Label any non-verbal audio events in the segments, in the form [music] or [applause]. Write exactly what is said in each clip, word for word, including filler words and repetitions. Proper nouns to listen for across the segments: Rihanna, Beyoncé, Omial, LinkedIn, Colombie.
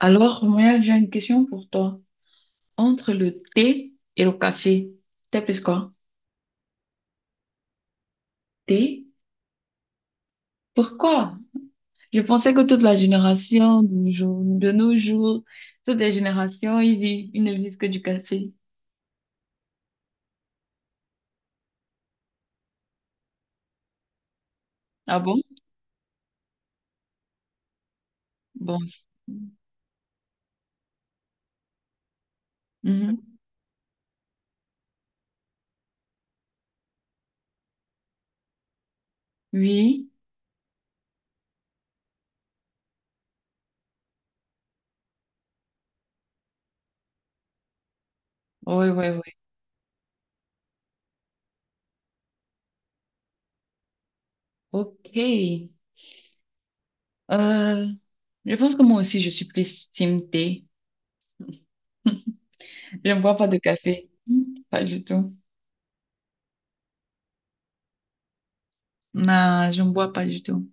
Alors, moi, j'ai une question pour toi. Entre le thé et le café, t'es plus quoi? Thé? Pourquoi? Je pensais que toute la génération de nos jours, de nos jours, toutes les générations, ils vivent, ils ne vivent que du café. Ah bon? Bon. Mhm. Oui? Oui, oui, oui. Ok. Euh, je pense que moi aussi, je suis plus team thé. [laughs] Je ne bois pas de café. Pas du tout. Non, je ne bois pas du tout.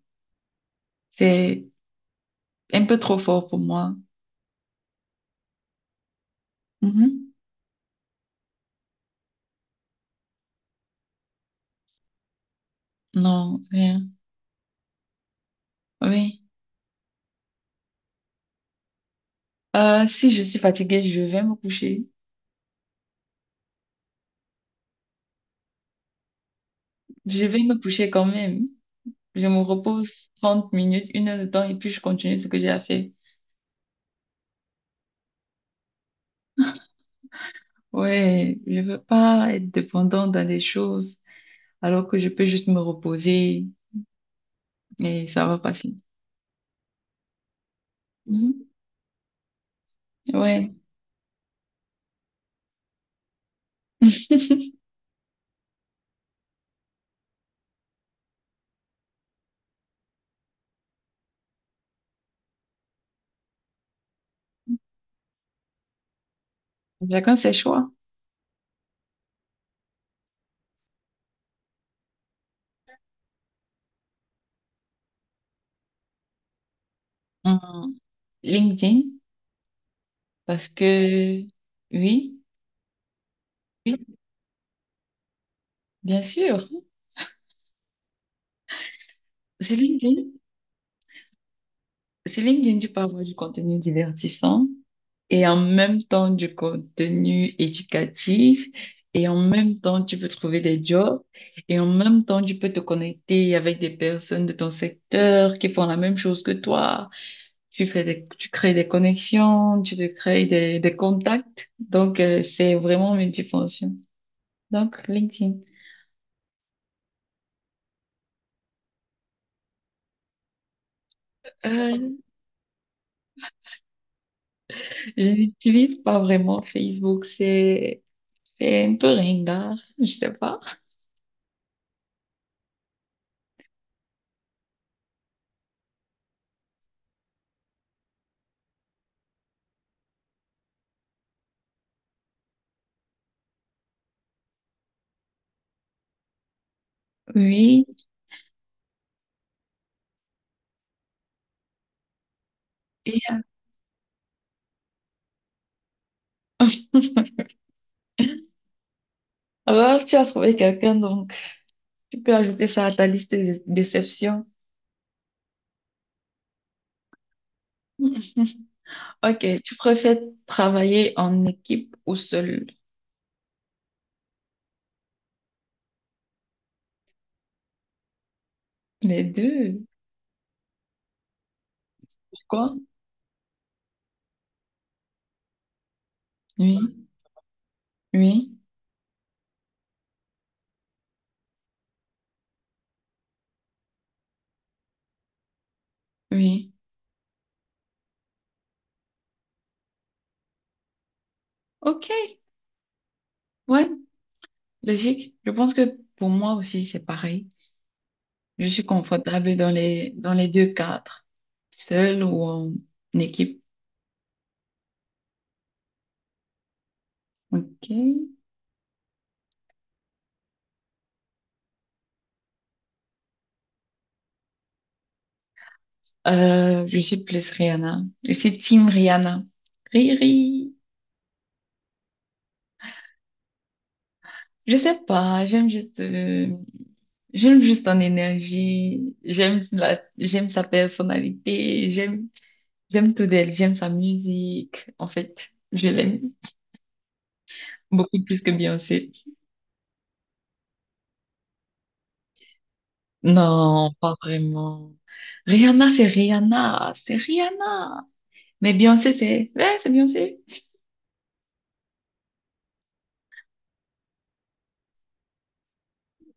C'est un peu trop fort pour moi. Mhm. Non, rien. Oui. Euh, si je suis fatiguée, je vais me coucher. Je vais me coucher quand même. Je me repose trente minutes, une heure de temps, et puis je continue ce que j'ai à faire. Ouais, je veux pas être dépendante dans des choses alors que je peux juste me reposer et ça va passer. Mhm. Ouais. [laughs] Chacun ses choix. Hum, LinkedIn, parce que oui, oui, bien sûr. C'est LinkedIn. Sur LinkedIn, tu peux avoir du contenu divertissant et en même temps du contenu éducatif et en même temps tu peux trouver des jobs et en même temps tu peux te connecter avec des personnes de ton secteur qui font la même chose que toi. Tu fais des- tu crées des connexions, tu te crées des, des contacts. Donc, euh, c'est vraiment multifonction. Donc, LinkedIn. Euh, je n'utilise pas vraiment Facebook, c'est c'est un peu ringard, je sais pas. Oui. Et [laughs] Alors, tu as trouvé quelqu'un, donc tu peux ajouter ça à ta liste de déceptions. Ok, tu préfères travailler en équipe ou seul? Les deux. Pourquoi? Oui, oui, oui. Ok, ouais, logique. Je pense que pour moi aussi, c'est pareil. Je suis confortable dans les, dans les deux cadres, seul ou en équipe. Ok. Euh, je suis plus Rihanna. Je suis team Rihanna. Riri. Je sais pas, j'aime juste, euh, j'aime juste son énergie, j'aime la, j'aime sa personnalité, j'aime, j'aime tout d'elle, j'aime sa musique. En fait, je l'aime beaucoup plus que Beyoncé. Non, pas vraiment. Rihanna, c'est Rihanna, c'est Rihanna. Mais Beyoncé, c'est, ouais, c'est Beyoncé.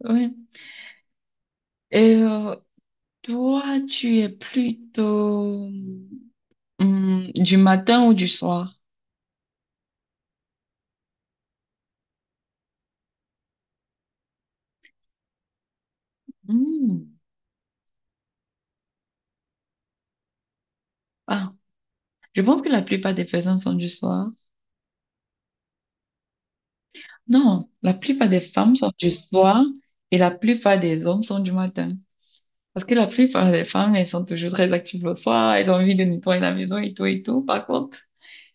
Ouais. Et euh, toi, tu es plutôt hum, du matin ou du soir? Hum, Ah. Je pense que la plupart des personnes sont du soir. Non, la plupart des femmes sont du soir et la plupart des hommes sont du matin. Parce que la plupart des femmes, elles sont toujours très actives le soir, elles ont envie de nettoyer la maison et tout et tout. Par contre,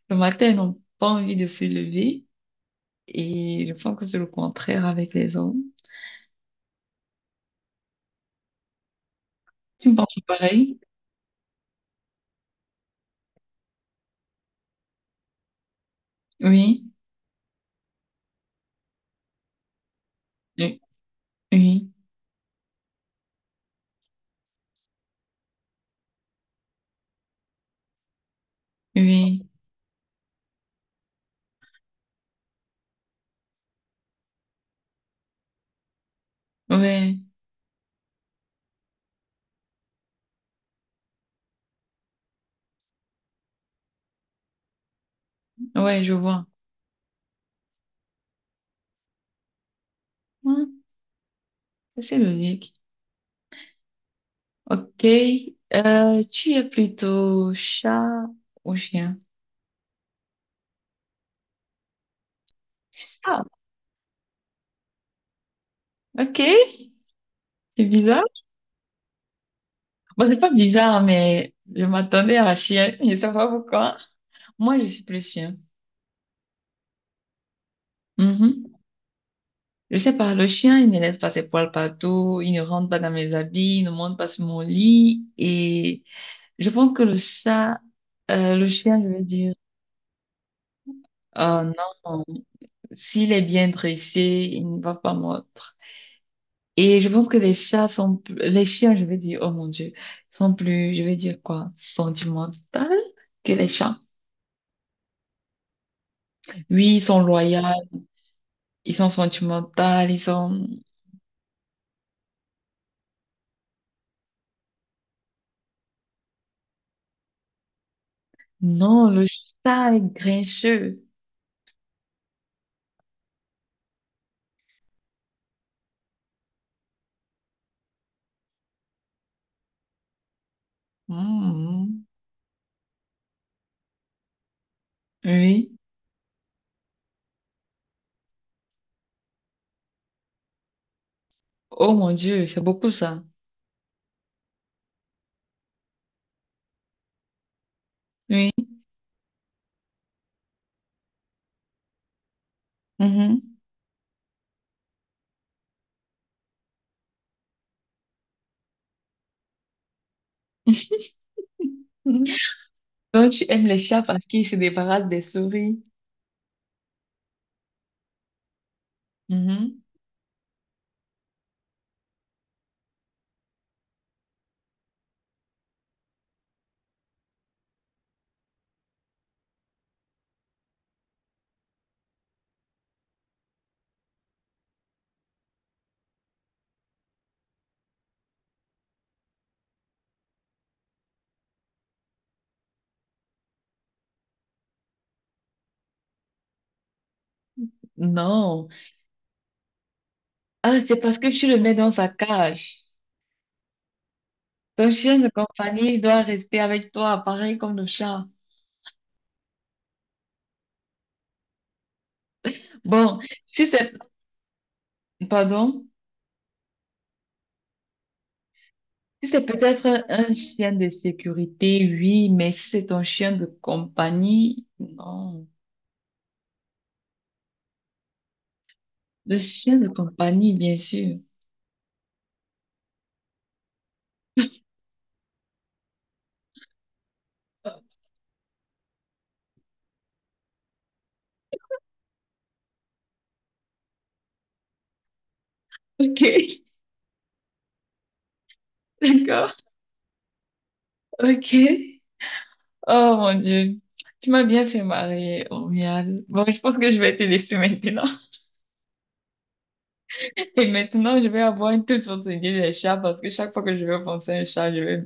le matin, elles n'ont pas envie de se lever et je pense que c'est le contraire avec les hommes. Tu me penses pareil? Oui, oui, oui, oui, ouais, ouais, je vois. Ouais, c'est logique. Ok, euh, tu es plutôt chat ou chien? Ah, ok, c'est bizarre. Bon, c'est pas bizarre, mais je m'attendais à la chienne. Je sais pas pourquoi. [laughs] Moi, je suis plus chien. Mhm. Je sais pas, le chien, il ne laisse pas ses poils partout, il ne rentre pas dans mes habits, il ne monte pas sur mon lit. Et je pense que le chat, euh, le chien, je veux dire, oh non, s'il est bien dressé, il ne va pas mordre. Et je pense que les chats sont, plus- les chiens, je veux dire, oh mon Dieu, sont plus, je veux dire quoi, sentimentaux que les chats. Oui, ils sont loyaux, ils sont sentimentaux, ils sont... Non, le chat est grincheux. Mhm. Oui. Oh mon Dieu, c'est beaucoup ça. Oui. Mhm. [laughs] Donc, tu aimes les chats parce qu'ils se débarrassent des souris. Mhm. Non. Ah, c'est parce que tu le mets dans sa cage. Ton chien de compagnie doit rester avec toi, pareil comme le chat. Bon, si c'est... Pardon? Si c'est peut-être un chien de sécurité, oui, mais si c'est ton chien de compagnie, non. Le chien de compagnie, bien sûr. Ok, [laughs] d'accord, ok. Oh mon Dieu, tu m'as bien fait marrer, Omial. Bon, je pense que je vais te laisser maintenant. [laughs] Et maintenant, je vais avoir une toute autre idée des chats parce que chaque fois que je vais penser à un chat, je vais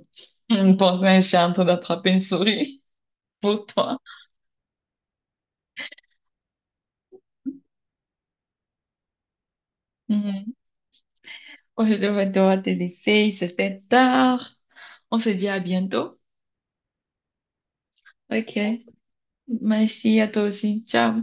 hum, penser à un chat en train d'attraper une souris [laughs] pour toi. Mhm. Ouais, je vais devoir te laisser, il se fait tard. On se dit à bientôt. Ok. Merci à toi aussi. Ciao.